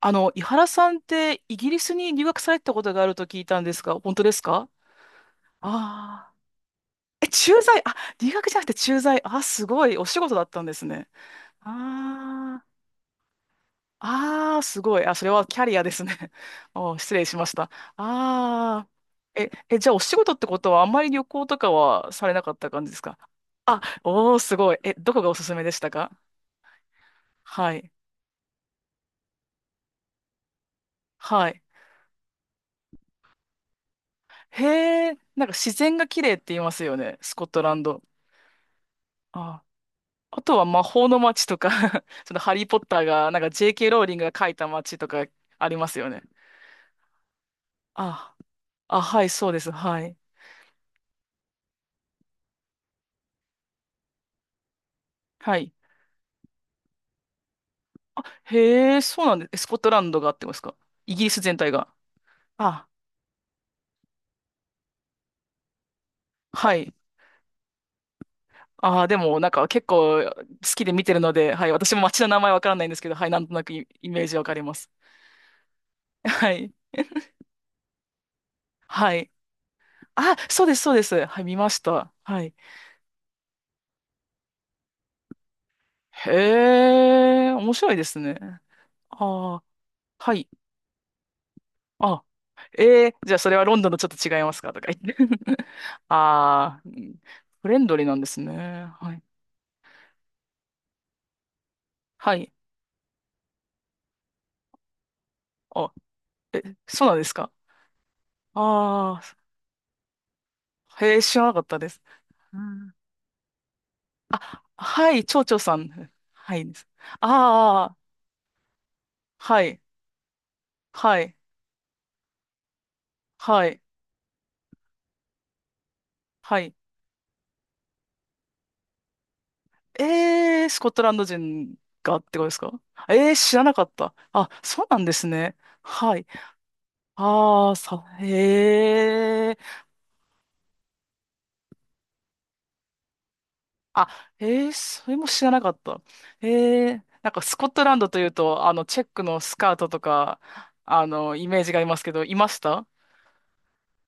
井原さんってイギリスに留学されてたことがあると聞いたんですが、本当ですか？ああー。え、駐在、あ、留学じゃなくて駐在。あ、すごい。お仕事だったんですね。ああ。ああ、すごい。あ、それはキャリアですね。お、失礼しました。ああ。え、え、じゃあお仕事ってことはあんまり旅行とかはされなかった感じですか？あ、おー、すごい。え、どこがおすすめでしたか？はい。はい。へえ、なんか自然が綺麗って言いますよね。スコットランド。ああとは魔法の街とか そのハリー・ポッターが、なんか JK ローリングが書いた街とかありますよね。あ、あ、はい、そうです。はい。はい。へえ、そうなんです。えスコットランドがあってますか？イギリス全体が。あ、はい。あー、でもなんか結構好きで見てるので、はい。私も街の名前わからないんですけど、はい。なんとなくイイメージわかります。はい。はい。あ、そうです、そうです。はい、見ました。はい。へえ、面白いですね。ああ、はい。あ、えー、じゃあそれはロンドンとちょっと違いますかとか言って。ああ、うんフレンドリーなんですね。はい。はい。あ、え、そうなんですか？ああへえ、知らなかったです。うんあ、はい、蝶々さん。はい。ああ、はい、はい、はい、はい。えー、スコットランド人がってことですか？えー、知らなかった。あ、そうなんですね。はい。ああ、さ、へえ。あ、えー、それも知らなかった。えー、なんかスコットランドというと、チェックのスカートとか、イメージがありますけど、いました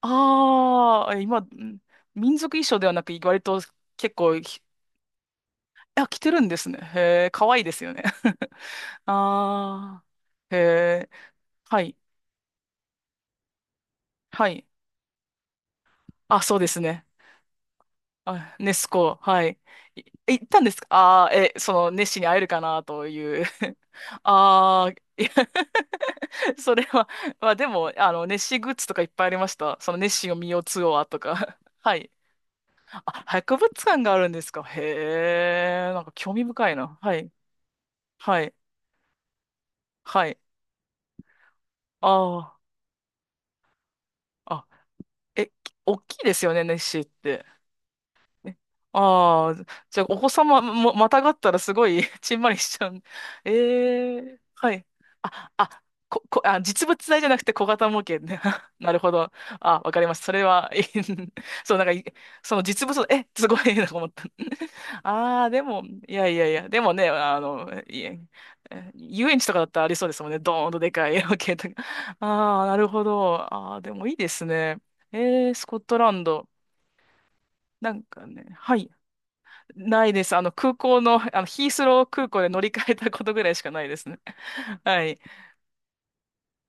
ああー、今、ん民族衣装ではなく、割と結構、ひあ、着てるんですね。へえ、かわいいですよね。ああ、へえ、はい、はい。あ、そうですね。あ、ネスコ、はい。いえ行ったんですか？ああー、え、その、ネッシーに会えるかなという。ああ、いや それは、まあでも、ネッシーグッズとかいっぱいありました。その、ネッシーを見ようツアーとか。はい。あ、博物館があるんですか？へえ、なんか興味深いな。はい。はい。はい。ああ、あ、え、き大きいですよね、ネッシーって。えああ、じゃあ、お子様も、またがったらすごい ちんまりしちゃう。ええはい。あ、あ、あ、実物大じゃなくて小型模型ね。なるほど。あ、わかりますそれは、いい そう、なんかい、その実物、え、すごい なと思った。ああ、でも、いやいやいや、でもね、いえ、え遊園地とかだったらありそうですもんね。ドーンとでかい 模型とか。ああ、なるほど。ああ、でもいいですね。ええスコットランド。なんかね、はい。ないです。空港の、ヒースロー空港で乗り換えたことぐらいしかないですね。はい。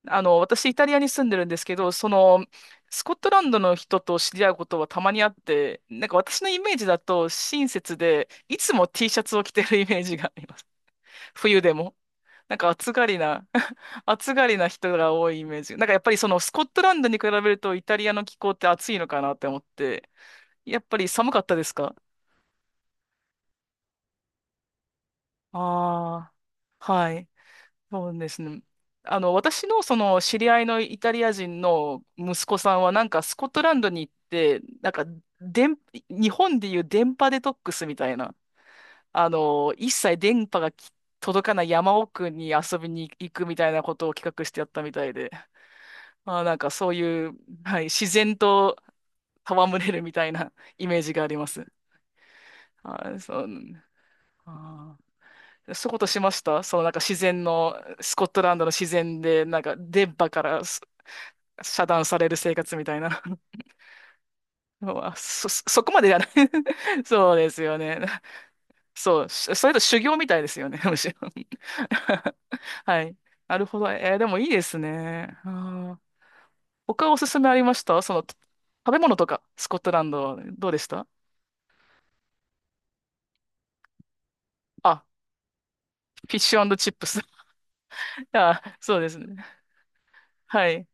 私、イタリアに住んでるんですけど、その、スコットランドの人と知り合うことはたまにあって、なんか私のイメージだと親切で、いつも T シャツを着てるイメージがあります。冬でも。なんか暑がりな、暑がりな人が多いイメージ。なんかやっぱりそのスコットランドに比べるとイタリアの気候って暑いのかなって思って、やっぱり寒かったですか？ああー、はい。そうですね。私のその知り合いのイタリア人の息子さんはなんかスコットランドに行って、なんか電、日本でいう電波デトックスみたいな、一切電波がき届かない山奥に遊びに行くみたいなことを企画してやったみたいで、まあ、なんかそういう、はい、自然と戯れるみたいな イメージがあります。はいそう、あーそういうことしましたそのなんか自然の、スコットランドの自然で、なんか電波からす遮断される生活みたいな のは、そそこまでじゃない そうですよね。そう、しそれと修行みたいですよね、むしろ はい。なるほど。えーでもいいですね。あー他おすすめありましたその、食べ物とか、スコットランド、どうでした？あ、フィッシュチップス。あ、そうですね。はい。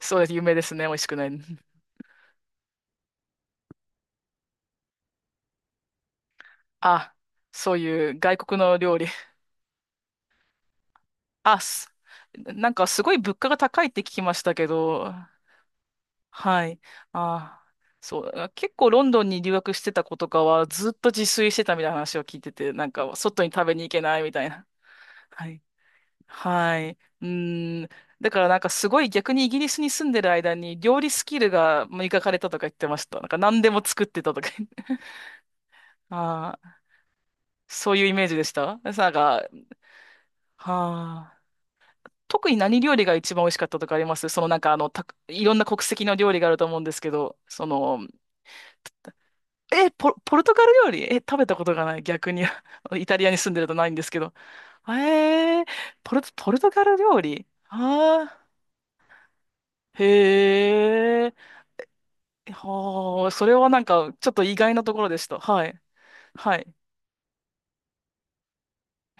そうです。有名ですね。美味しくない。あ、そういう外国の料理。あ、すなんかすごい物価が高いって聞きましたけど、はい。ああ、そう。あ結構ロンドンに留学してた子とかはずっと自炊してたみたいな話を聞いてて、なんか外に食べに行けないみたいな。はい。はい。うーん。だからなんかすごい逆にイギリスに住んでる間に料理スキルが磨かれたとか言ってました。なんか何でも作ってたとか言って。ああ、そういうイメージでした。なんか、はあ。特に何料理が一番美味しかったとかあります？そのなんかあの、た、いろんな国籍の料理があると思うんですけど、その、え、ポルトガル料理え、食べたことがない。逆に。イタリアに住んでるとないんですけど。えー、ポルトガル料理ああー、へえ。はあ、それはなんか、ちょっと意外なところでした。はい。はい。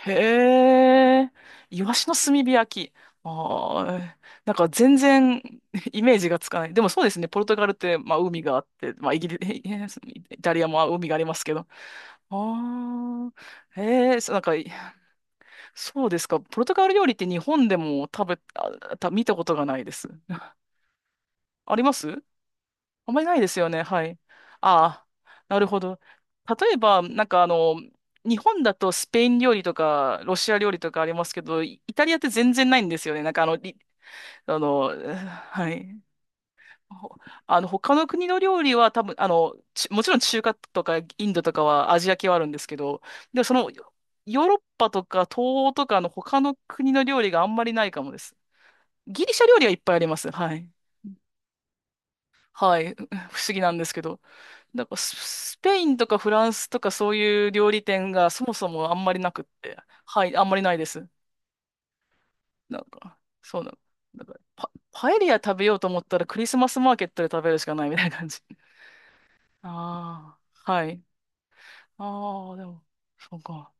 へえ。イワシの炭火焼き。ああ、なんか全然 イメージがつかない。でもそうですね。ポルトガルって、まあ海があって、まあイギリ、イタリアも海がありますけど。ああ、へえ、そうなんか、そうですか。ポルトガル料理って日本でも食べ、あ、た、見たことがないです。ありますあんまりないですよね。はい。ああ、なるほど。例えば、なんかあの、日本だとスペイン料理とかロシア料理とかありますけど、イイタリアって全然ないんですよね。なんかあの、りあの、はい。ほ他の国の料理は多分、ちもちろん中華とかインドとかはアジア系はあるんですけど、でもその、ヨーロッパとか東欧とかの他の国の料理があんまりないかもです。ギリシャ料理はいっぱいあります。はい。はい。不思議なんですけど。なんかスペインとかフランスとかそういう料理店がそもそもあんまりなくって。はい、あんまりないです。なんか、そうなの。なんかパエリア食べようと思ったらクリスマスマーケットで食べるしかないみたいな感じ。ああ、はい。ああ、でも、そうか。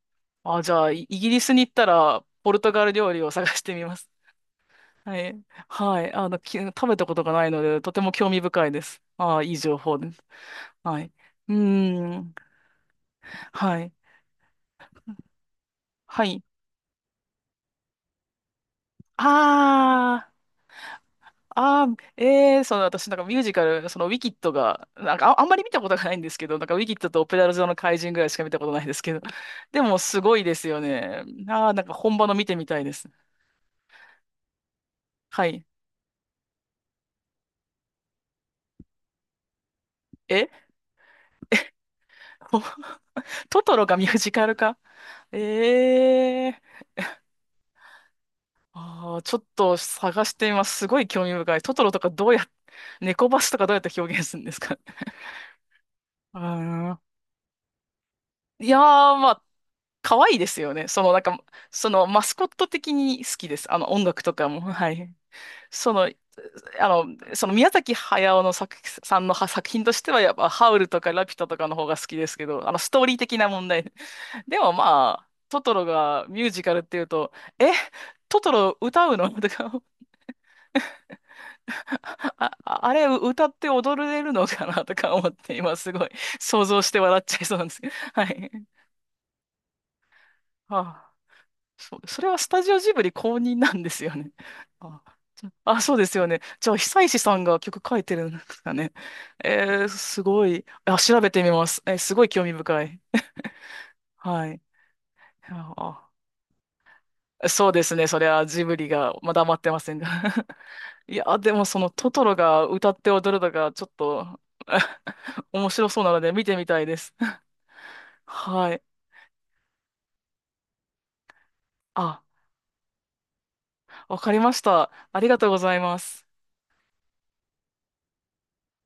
あーじゃあ、イイギリスに行ったら、ポルトガル料理を探してみます。はい。はい。き食べたことがないので、とても興味深いです。ああ、いい情報です。はい。うーん。はい。はい。あー。あー、えー、その私なんかミュージカル、そのウィキッドが、なんかあ、あんまり見たことがないんですけど、なんかウィキッドとオペラ座の怪人ぐらいしか見たことないですけど、でもすごいですよね。あー、なんか本場の見てみたいです。はい。えお トトロがミュージカルか。えー。あー、ちょっと探してみます。すごい興味深い。トトロとかどうやっ、猫バスとかどうやって表現するんですか？ あーんいやー、まあ可愛いですよね。その、なんか、その、マスコット的に好きです。音楽とかも。はい。その、あの、その、宮崎駿の作、さんのは作品としては、やっぱ、ハウルとかラピュタとかの方が好きですけど、ストーリー的な問題。でも、まあ、トトロがミュージカルっていうと、え、トトロ歌うのとか、あ、ああれ歌って踊れるのかなとか思って、今すごい想像して笑っちゃいそうなんですけど。はい。はあそう、それはスタジオジブリ公認なんですよね。あ、じゃあ、そうですよね。じゃあ、久石さんが曲書いてるんですかね。えー、すごい。あ、調べてみます。えーすごい興味深い。はい。あ、そうですね。それはジブリが、まだ待ってませんが。いや、でもそのトトロが歌って踊るのがちょっと 面白そうなので見てみたいです。はい。あ、わかりました。ありがとうございます。